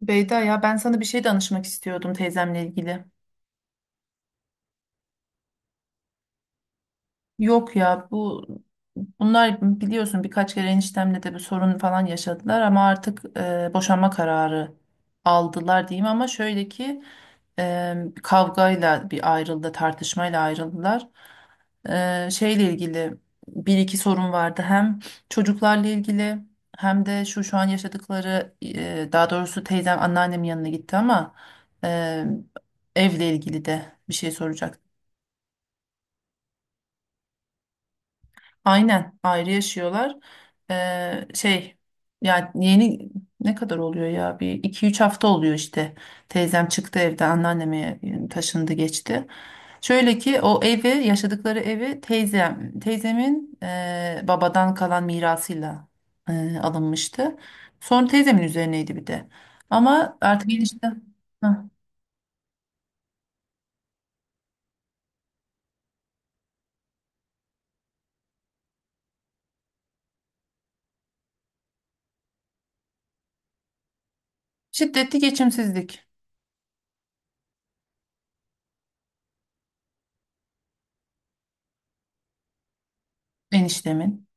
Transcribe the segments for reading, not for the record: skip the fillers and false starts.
Beyda, ya ben sana bir şey danışmak istiyordum teyzemle ilgili. Yok ya bunlar biliyorsun birkaç kere eniştemle de bir sorun falan yaşadılar ama artık boşanma kararı aldılar diyeyim ama şöyle ki e, kavgayla bir ayrıldı tartışmayla ayrıldılar. Şeyle ilgili bir iki sorun vardı hem çocuklarla ilgili hem de şu an yaşadıkları, daha doğrusu teyzem anneannemin yanına gitti ama e, evle ilgili de bir şey soracaktım. Aynen ayrı yaşıyorlar. Şey ya yeni, ne kadar oluyor ya, bir iki üç hafta oluyor işte. Teyzem çıktı evden, anneanneme taşındı geçti. Şöyle ki o evi yaşadıkları evi, teyzemin babadan kalan mirasıyla alınmıştı. Sonra teyzemin üzerineydi bir de. Ama artık enişte... Hah. Şiddetli geçimsizlik. Eniştemin.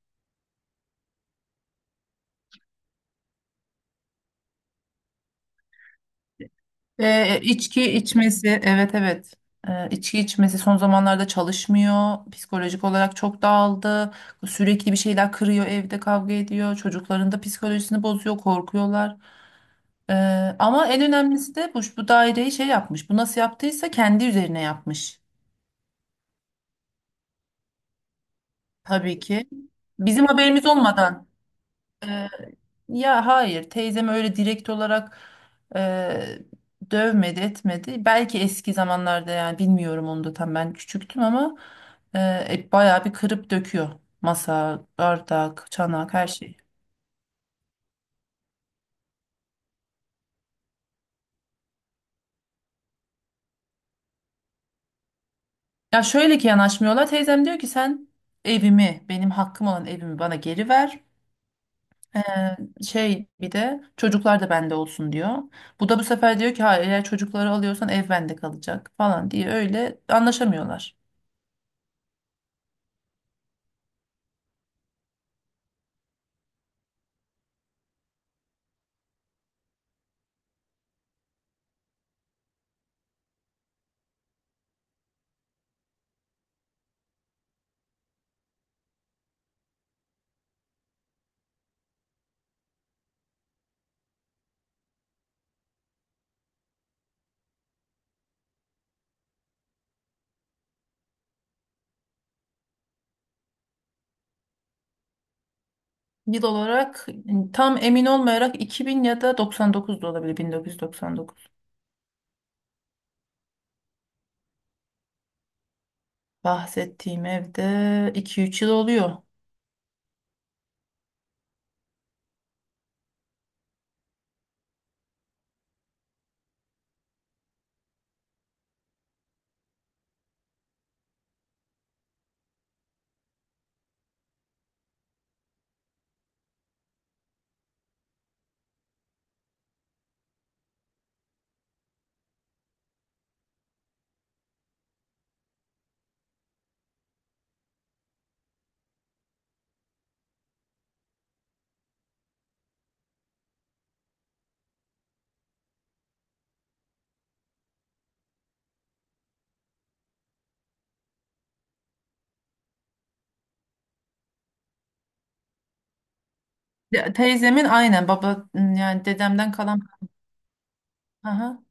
İçki içmesi, evet, evet. İçki içmesi, son zamanlarda çalışmıyor. Psikolojik olarak çok dağıldı. Sürekli bir şeyler kırıyor, evde kavga ediyor. Çocukların da psikolojisini bozuyor, korkuyorlar. Ee, Ama en önemlisi de bu daireyi şey yapmış. Bu nasıl yaptıysa kendi üzerine yapmış. Tabii ki. Bizim haberimiz olmadan. Ya hayır, teyzem öyle direkt olarak eee, dövmedi etmedi. Belki eski zamanlarda, yani bilmiyorum, onu da tam ben küçüktüm ama bayağı bir kırıp döküyor. Masa, bardak, çanak, her şeyi. Ya şöyle ki yanaşmıyorlar. Teyzem diyor ki, sen evimi, benim hakkım olan evimi bana geri ver. Eee, Şey, bir de çocuklar da bende olsun diyor. Bu da bu sefer diyor ki hayır, eğer çocukları alıyorsan ev bende kalacak falan diye, öyle anlaşamıyorlar. Yıl olarak tam emin olmayarak 2000, ya da 99 da olabilir, 1999. Bahsettiğim evde 2-3 yıl oluyor. Ya, teyzemin aynen baba, yani dedemden kalan. Aha.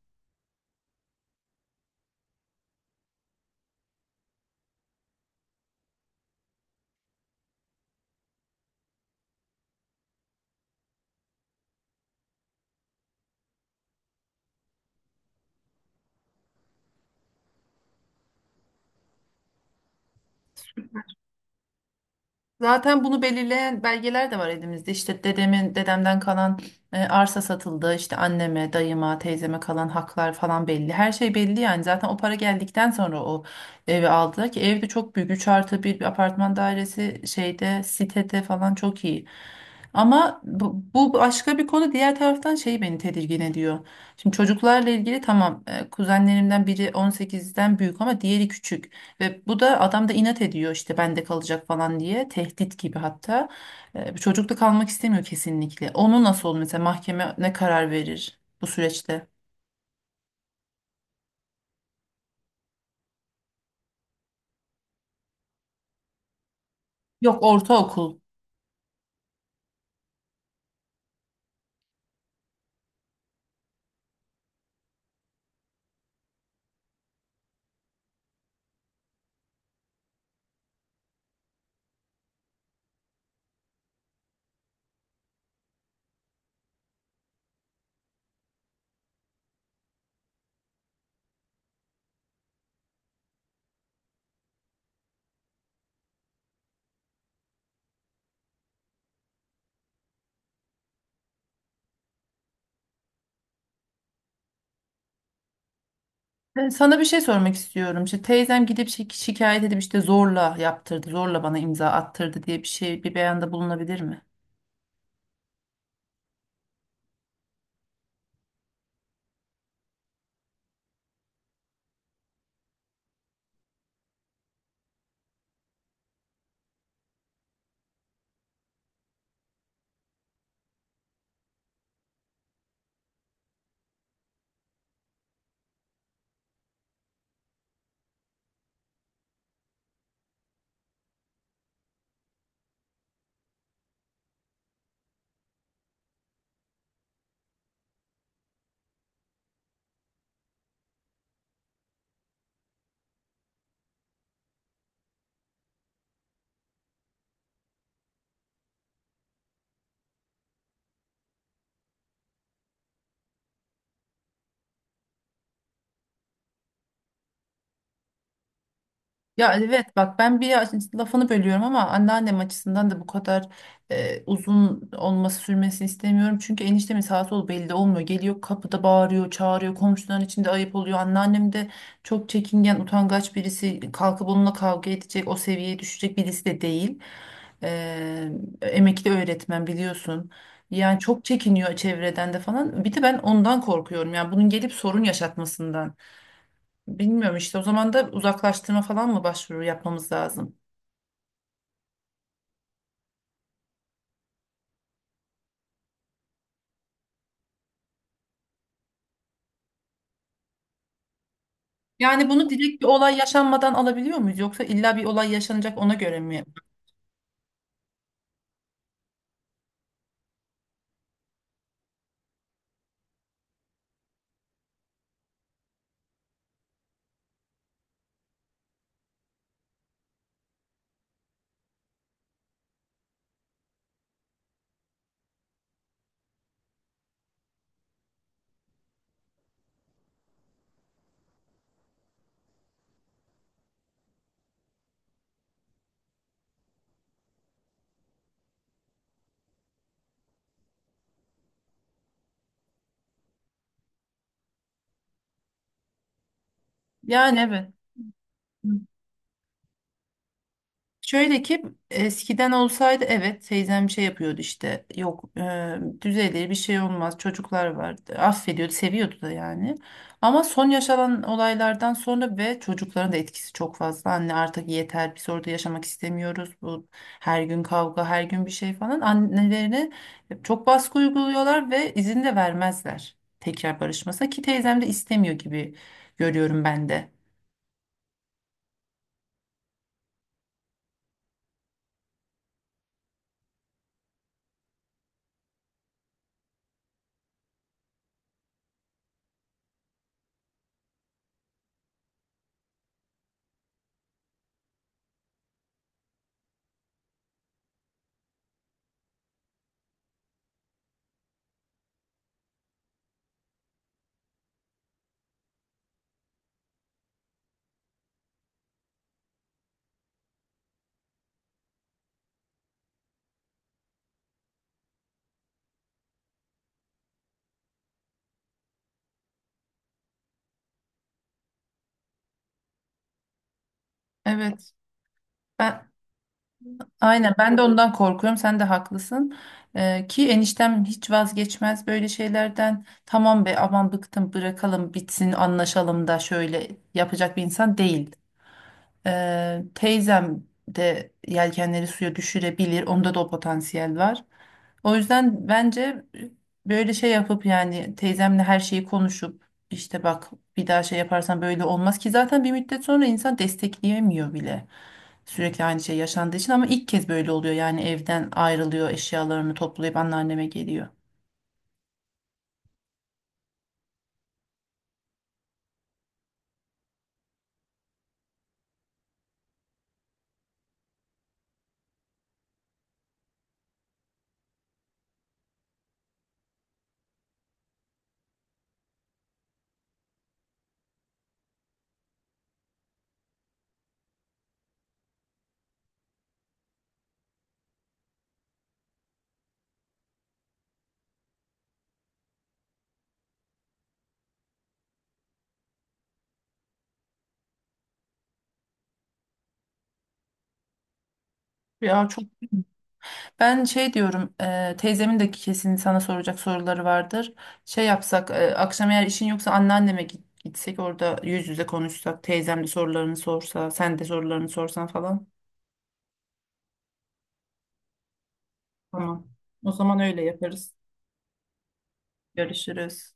Zaten bunu belirleyen belgeler de var elimizde. İşte dedemden kalan arsa satıldı. İşte anneme, dayıma, teyzeme kalan haklar falan belli. Her şey belli yani. Zaten o para geldikten sonra o evi aldılar ki, ev de çok büyük. Üç artı bir, bir apartman dairesi, şeyde, sitede falan, çok iyi. Ama bu başka bir konu. Diğer taraftan şey beni tedirgin ediyor. Şimdi çocuklarla ilgili tamam, kuzenlerimden biri 18'den büyük ama diğeri küçük. Ve bu da, adam da inat ediyor işte bende kalacak falan diye, tehdit gibi hatta. Bu çocuk da kalmak istemiyor kesinlikle. Onu nasıl olur mesela, mahkeme ne karar verir bu süreçte? Yok, ortaokul. Ben sana bir şey sormak istiyorum. İşte teyzem gidip şikayet edip, işte zorla yaptırdı, zorla bana imza attırdı diye bir şey, bir beyanda bulunabilir mi? Ya evet bak, ben bir lafını bölüyorum ama anneannem açısından da bu kadar uzun sürmesini istemiyorum. Çünkü eniştemin sağ sol belli olmuyor. Geliyor kapıda bağırıyor, çağırıyor. Komşuların içinde ayıp oluyor. Anneannem de çok çekingen, utangaç birisi. Kalkıp onunla kavga edecek, o seviyeye düşecek birisi de değil. E, Emekli öğretmen biliyorsun. Yani çok çekiniyor çevreden de falan. Bir de ben ondan korkuyorum. Yani bunun gelip sorun yaşatmasından. Bilmiyorum, işte o zaman da uzaklaştırma falan mı, başvuru yapmamız lazım? Yani bunu direkt bir olay yaşanmadan alabiliyor muyuz, yoksa illa bir olay yaşanacak ona göre mi? Yani evet. Şöyle ki, eskiden olsaydı evet teyzem şey yapıyordu, işte yok düzelir, bir şey olmaz, çocuklar vardı, affediyordu, seviyordu da yani. Ama son yaşanan olaylardan sonra ve çocukların da etkisi çok fazla, anne artık yeter, biz orada yaşamak istemiyoruz, bu her gün kavga, her gün bir şey falan, annelerine çok baskı uyguluyorlar. Ve izin de vermezler tekrar barışmasına, ki teyzem de istemiyor gibi görüyorum ben de. Evet. Ben Aynen, ben de ondan korkuyorum. Sen de haklısın. Ki eniştem hiç vazgeçmez böyle şeylerden. Tamam be, aman bıktım, bırakalım bitsin, anlaşalım da, şöyle yapacak bir insan değil. Teyzem de yelkenleri suya düşürebilir. Onda da o potansiyel var. O yüzden bence böyle şey yapıp, yani teyzemle her şeyi konuşup, işte bak bir daha şey yaparsan böyle olmaz ki, zaten bir müddet sonra insan destekleyemiyor bile. Sürekli aynı şey yaşandığı için. Ama ilk kez böyle oluyor, yani evden ayrılıyor, eşyalarını toplayıp anneanneme geliyor. Ya çok... Ben şey diyorum, teyzemin de kesin sana soracak soruları vardır. Şey yapsak, akşam eğer işin yoksa anneanneme gitsek, orada yüz yüze konuşsak, teyzem de sorularını sorsa, sen de sorularını sorsan falan. Tamam. O zaman öyle yaparız. Görüşürüz.